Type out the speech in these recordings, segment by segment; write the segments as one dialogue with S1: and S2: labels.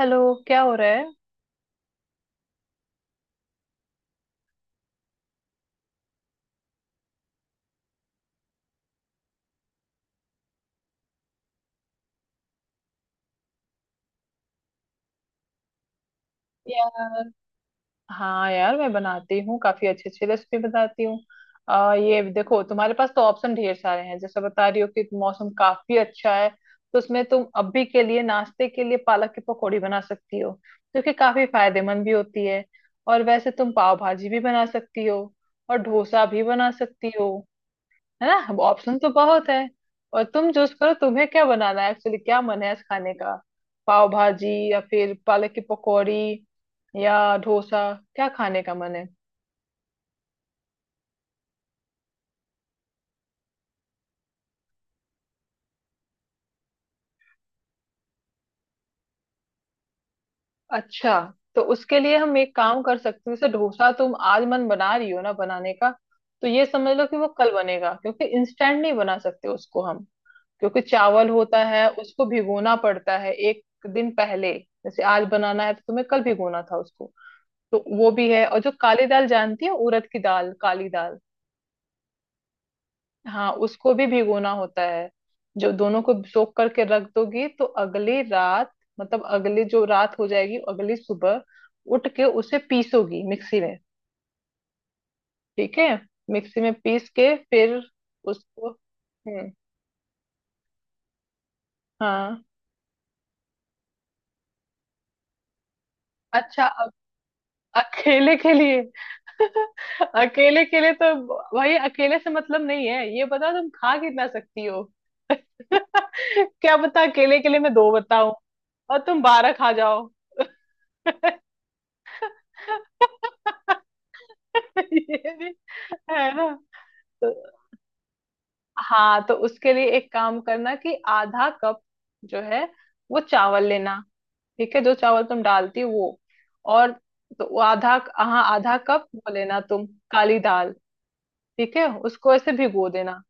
S1: Hello. क्या हो रहा है यार? हाँ यार, मैं बनाती हूँ काफी अच्छी अच्छी रेसिपी बताती हूँ। आ ये देखो, तुम्हारे पास तो ऑप्शन ढेर सारे हैं। जैसे बता रही हो कि मौसम काफी अच्छा है, तो उसमें तुम अभी के लिए नाश्ते के लिए पालक की पकौड़ी बना सकती हो, जो कि काफी फायदेमंद भी होती है। और वैसे तुम पाव भाजी भी बना सकती हो और डोसा भी बना सकती हो। है ना, अब ऑप्शन तो बहुत है। और तुम चूज करो तुम्हें क्या बनाना है। एक्चुअली क्या मन है आज खाने का, पाव भाजी या फिर पालक की पकौड़ी या डोसा? क्या खाने का मन है? अच्छा, तो उसके लिए हम एक काम कर सकते हैं। जैसे डोसा तुम आज मन बना रही हो ना बनाने का, तो ये समझ लो कि वो कल बनेगा, क्योंकि इंस्टेंट नहीं बना सकते उसको हम। क्योंकि चावल होता है, उसको भिगोना पड़ता है एक दिन पहले। जैसे आज बनाना है तो तुम्हें कल भिगोना था उसको। तो वो भी है, और जो काली दाल जानती है, उड़द की दाल, काली दाल। हाँ उसको भी भिगोना होता है। जो दोनों को सोख करके रख दोगी तो अगली रात, मतलब अगली जो रात हो जाएगी, अगली सुबह उठ के उसे पीसोगी मिक्सी में। ठीक है? मिक्सी में पीस के फिर उसको। हम्म। हाँ। अच्छा, अकेले के लिए। अकेले के लिए तो भाई अकेले से मतलब नहीं है, ये बताओ तुम खा कितना सकती हो। क्या पता अकेले के लिए मैं दो बताऊं और तुम बारह खा जाओ। ये भी, है ना? तो, हाँ तो उसके लिए एक काम करना कि आधा कप जो है वो चावल लेना। ठीक है, जो चावल तुम डालती हो वो। और तो वो आधा, हाँ आधा कप वो लेना तुम काली दाल। ठीक है, उसको ऐसे भिगो देना।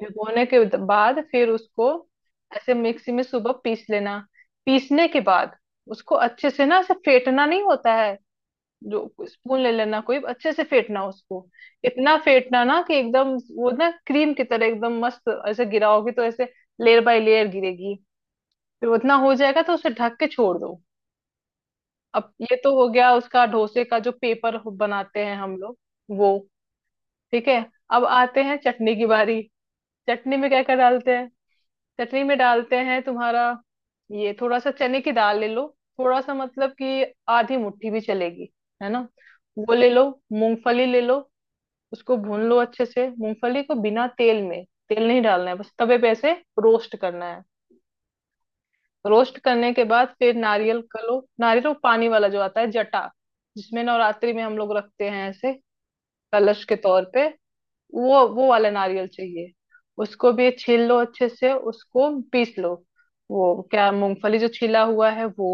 S1: भिगोने के बाद फिर उसको ऐसे मिक्सी में सुबह पीस लेना। पीसने के बाद उसको अच्छे से ना ऐसे फेंटना नहीं होता है। जो स्पून ले लेना कोई, अच्छे से फेंटना उसको। इतना फेंटना ना कि एकदम वो ना क्रीम की तरह एकदम मस्त, ऐसे गिराओगे तो ऐसे लेयर बाय लेयर गिरेगी। फिर उतना हो जाएगा तो उसे ढक के छोड़ दो। अब ये तो हो गया उसका, डोसे का जो पेपर बनाते हैं हम लोग वो। ठीक है, अब आते हैं चटनी की बारी। चटनी में क्या क्या डालते हैं? चटनी में डालते हैं तुम्हारा, ये थोड़ा सा चने की दाल ले लो। थोड़ा सा मतलब कि आधी मुट्ठी भी चलेगी, है ना। वो ले लो। मूंगफली ले लो। उसको भून लो अच्छे से, मूंगफली को बिना तेल में। तेल नहीं डालना है, बस तवे पे ऐसे रोस्ट करना है। रोस्ट करने के बाद फिर नारियल का लो, नारियल वो पानी वाला जो आता है जटा, जिसमें नवरात्रि में हम लोग रखते हैं ऐसे कलश के तौर पे, वो वाला नारियल चाहिए। उसको भी छील लो अच्छे से, उसको पीस लो। वो क्या मूंगफली जो छिला हुआ है वो,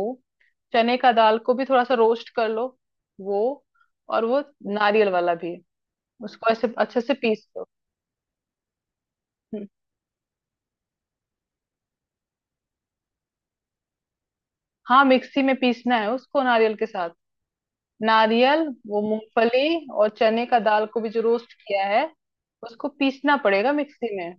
S1: चने का दाल को भी थोड़ा सा रोस्ट कर लो वो, और वो नारियल वाला भी, उसको ऐसे अच्छे से पीस लो। हम्म। हाँ मिक्सी में पीसना है उसको नारियल के साथ। नारियल, वो मूंगफली और चने का दाल को भी जो रोस्ट किया है, उसको पीसना पड़ेगा मिक्सी में।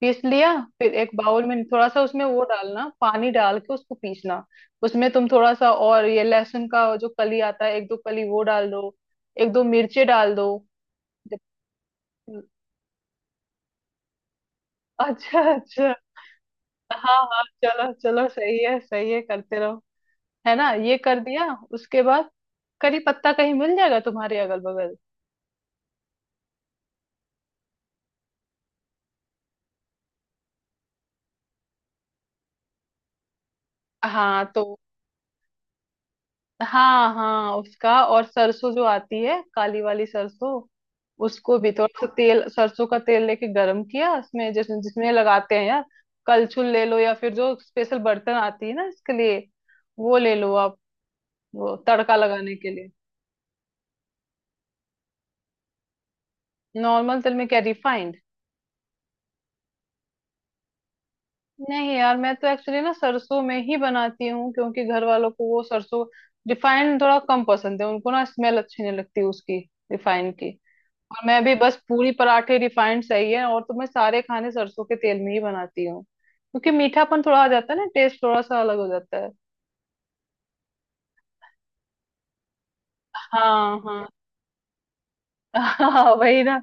S1: पीस लिया। फिर एक बाउल में थोड़ा सा उसमें वो डालना, पानी डाल के उसको पीसना। उसमें तुम थोड़ा सा और ये लहसुन का जो कली आता है, एक दो कली वो डाल दो। एक दो मिर्चे डाल दो। जब- अच्छा अच्छा, हाँ हाँ, चलो चलो, सही है सही है, करते रहो। है ना, ये कर दिया। उसके बाद करी पत्ता कहीं मिल जाएगा तुम्हारे अगल बगल। हाँ तो हाँ हाँ, उसका और सरसों जो आती है, काली वाली सरसों, उसको भी थोड़ा सा तेल, सरसों का तेल लेके गरम किया, उसमें जिसमें लगाते हैं यार, कलछुल ले लो या फिर जो स्पेशल बर्तन आती है ना इसके लिए, वो ले लो आप, वो तड़का लगाने के लिए। नॉर्मल तेल में क्या रिफाइंड? नहीं यार, मैं तो एक्चुअली ना सरसों में ही बनाती हूँ क्योंकि घर वालों को वो सरसों, रिफाइंड थोड़ा कम पसंद है उनको, ना स्मेल अच्छी नहीं लगती उसकी, रिफाइंड की। और मैं भी बस पूरी पराठे रिफाइंड सही है, और तो मैं सारे खाने सरसों के तेल में ही बनाती हूँ क्योंकि मीठापन थोड़ा आ जाता है ना, टेस्ट थोड़ा सा अलग हो जाता है। हाँ हाँ, वही ना।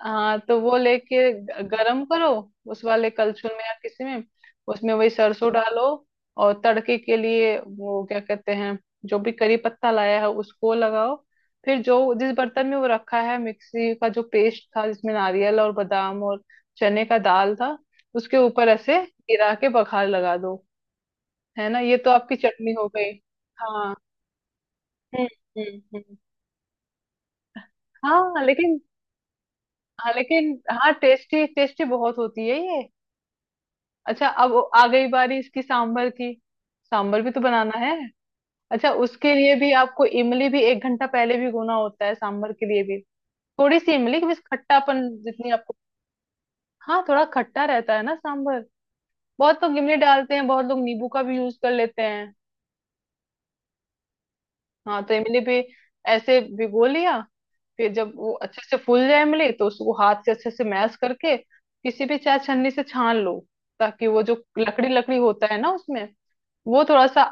S1: हाँ तो वो लेके गरम करो, उस वाले कलछुल में या किसी में, उसमें वही सरसों डालो। और तड़के के लिए वो क्या कहते हैं, जो भी करी पत्ता लाया है उसको लगाओ। फिर जो जिस बर्तन में वो रखा है, मिक्सी का जो पेस्ट था जिसमें नारियल और बादाम और चने का दाल था, उसके ऊपर ऐसे गिरा के बघार लगा दो। है ना, ये तो आपकी चटनी हो गई। हाँ, हम्म हम्म। हाँ लेकिन, हाँ लेकिन, हाँ टेस्टी टेस्टी बहुत होती है ये। अच्छा, अब आ गई बारी इसकी सांभर की। सांभर भी तो बनाना है। अच्छा, उसके लिए भी आपको इमली भी एक घंटा पहले भिगोना होता है, सांभर के लिए भी। थोड़ी सी इमली, बस खट्टापन जितनी आपको। हाँ थोड़ा खट्टा रहता है ना सांभर। बहुत लोग इमली डालते हैं, बहुत लोग नींबू का भी यूज कर लेते हैं। हाँ तो इमली भी ऐसे भिगो लिया। फिर जब वो अच्छे से फूल जाए इमली, तो उसको हाथ से अच्छे से मैश करके किसी भी चाय छन्नी से छान लो, ताकि वो जो लकड़ी लकड़ी होता है ना उसमें, वो थोड़ा सा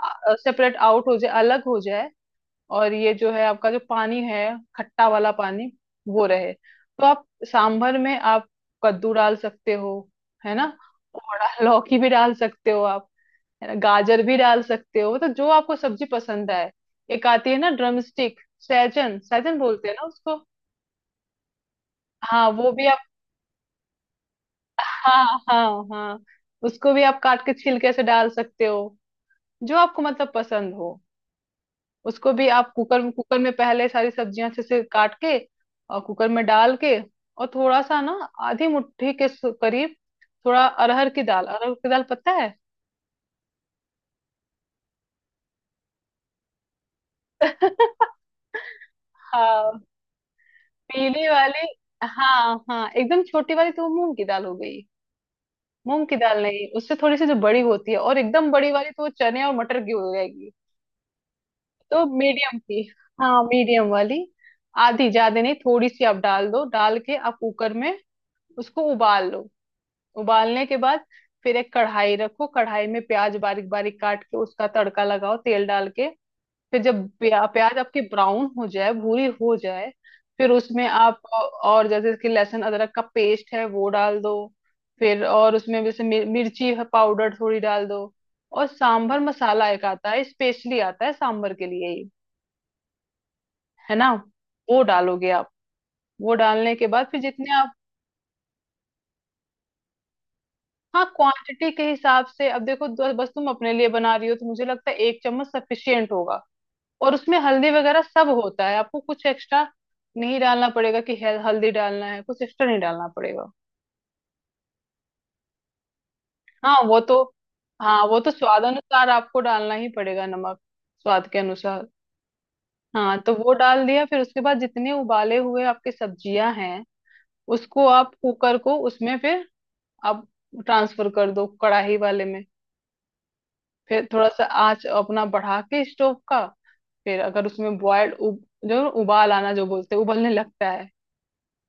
S1: सेपरेट आउट हो जाए, अलग हो जाए। और ये जो है आपका जो पानी है, खट्टा वाला पानी, वो रहे तो आप सांभर में आप कद्दू डाल सकते हो, है ना। और लौकी भी डाल सकते हो आप, है ना। गाजर भी डाल सकते हो, तो जो आपको सब्जी पसंद आए। एक आती है ना ड्रम स्टिक, सहजन, सहजन बोलते हैं ना उसको, हाँ वो भी आप, हाँ हाँ हाँ, उसको भी आप काट के छिलके से डाल सकते हो, जो आपको मतलब पसंद हो। उसको भी आप कुकर कुकर में पहले सारी सब्जियां अच्छे से काट के और कुकर में डाल के, और थोड़ा सा ना, आधी मुट्ठी के करीब थोड़ा अरहर की दाल, अरहर की दाल पता है। हाँ पीली वाली, हाँ हाँ। एकदम छोटी वाली तो वो मूंग की दाल हो गई, मूंग की दाल नहीं, उससे थोड़ी सी जो बड़ी होती है, और एकदम बड़ी वाली तो वो चने और मटर की हो जाएगी। तो मीडियम की, हाँ मीडियम वाली। आधी ज्यादा नहीं, थोड़ी सी आप डाल दो, डाल के आप कुकर में उसको उबाल लो। उबालने के बाद फिर एक कढ़ाई रखो, कढ़ाई में प्याज बारीक बारीक काट के उसका तड़का लगाओ, तेल डाल के। फिर जब प्याज आपकी ब्राउन हो जाए, भूरी हो जाए, फिर उसमें आप, और जैसे कि लहसुन अदरक का पेस्ट है वो डाल दो। फिर और उसमें जैसे मिर्ची है पाउडर, थोड़ी डाल दो। और सांभर मसाला एक आता है, स्पेशली आता है सांभर के लिए ही, है ना, वो डालोगे आप। वो डालने के बाद फिर जितने आप, हाँ क्वांटिटी के हिसाब से, अब देखो बस तुम अपने लिए बना रही हो तो मुझे लगता है एक चम्मच सफिशियंट होगा। और उसमें हल्दी वगैरह सब होता है, आपको कुछ एक्स्ट्रा नहीं डालना पड़ेगा कि हल्दी डालना है, कुछ एक्स्ट्रा नहीं डालना पड़ेगा। हाँ वो तो, हाँ वो तो स्वाद अनुसार आपको डालना ही पड़ेगा नमक, स्वाद के अनुसार। हाँ तो वो डाल दिया, फिर उसके बाद जितने उबाले हुए आपके सब्जियां हैं, उसको आप कुकर को उसमें फिर आप ट्रांसफर कर दो कढ़ाई वाले में। फिर थोड़ा सा आंच अपना बढ़ा के स्टोव का, फिर अगर उसमें बॉयल जो उबाल आना जो बोलते हैं, उबलने लगता है,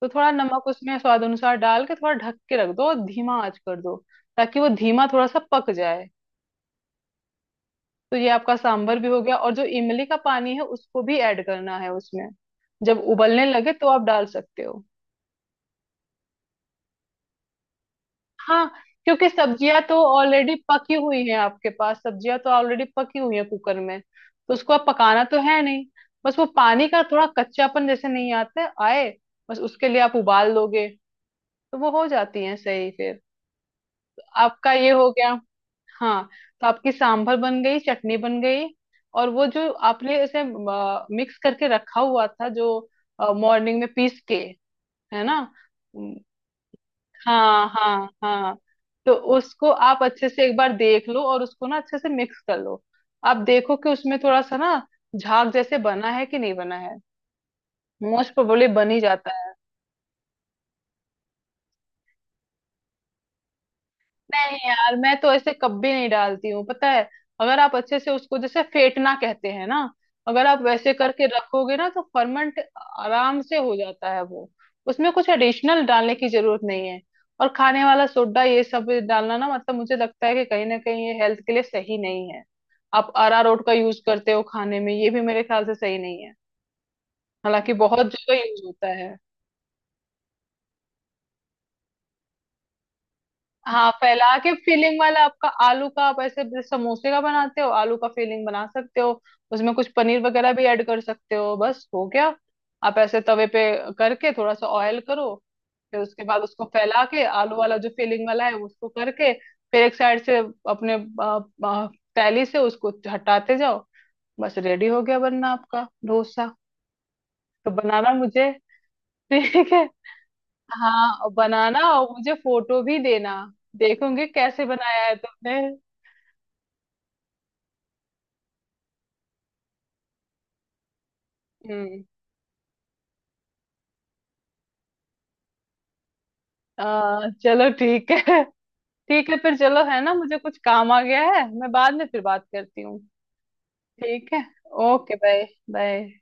S1: तो थोड़ा नमक उसमें स्वाद अनुसार डाल के थोड़ा ढक के रख दो और धीमा आंच कर दो, ताकि वो धीमा थोड़ा सा पक जाए। तो ये आपका सांभर भी हो गया, और जो इमली का पानी है उसको भी ऐड करना है उसमें, जब उबलने लगे तो आप डाल सकते हो। हाँ, क्योंकि सब्जियां तो ऑलरेडी पकी हुई हैं आपके पास, सब्जियां तो ऑलरेडी पकी हुई हैं कुकर में, तो उसको अब पकाना तो है नहीं। बस वो पानी का थोड़ा कच्चापन जैसे नहीं आता है, आए, बस उसके लिए आप उबाल लोगे तो वो हो जाती है सही, फिर आपका ये हो गया। हाँ तो आपकी सांभर बन गई, चटनी बन गई। और वो जो आपने इसे मिक्स करके रखा हुआ था, जो मॉर्निंग में पीस के, है ना, हाँ हाँ, हाँ तो उसको आप अच्छे से एक बार देख लो और उसको ना अच्छे से मिक्स कर लो। आप देखो कि उसमें थोड़ा सा ना झाग जैसे बना है कि नहीं बना है, मोस्ट प्रोबेबली बन ही जाता है। नहीं यार, मैं तो ऐसे कभी नहीं डालती हूँ पता है। अगर आप अच्छे से उसको जैसे फेंटना कहते हैं ना, अगर आप वैसे करके रखोगे ना तो फर्मेंट आराम से हो जाता है वो, उसमें कुछ एडिशनल डालने की जरूरत नहीं है। और खाने वाला सोडा ये सब डालना ना, मतलब मुझे लगता है कि कहीं ना कहीं ये हेल्थ के लिए सही नहीं है। आप अरारोट का यूज करते हो खाने में, ये भी मेरे ख्याल से सही नहीं है, हालांकि बहुत जगह यूज होता है। हाँ फैला के, फीलिंग वाला आपका आलू का, आप ऐसे जैसे समोसे का बनाते हो आलू का फीलिंग बना सकते हो, उसमें कुछ पनीर वगैरह भी ऐड कर सकते हो, बस हो गया। आप ऐसे तवे पे करके थोड़ा सा ऑयल करो, फिर उसके बाद उसको फैला के आलू वाला जो फीलिंग वाला है उसको करके, फिर एक साइड से अपने आ, आ, तैली से उसको हटाते जाओ, बस रेडी हो गया बनना आपका डोसा। तो बनाना मुझे, ठीक है? हाँ बनाना और मुझे फोटो भी देना, देखूंगी कैसे बनाया है तुमने। हम्म। चलो ठीक है। ठीक है फिर, चलो है ना, मुझे कुछ काम आ गया है, मैं बाद में फिर बात करती हूँ। ठीक है, ओके, बाय। बाय।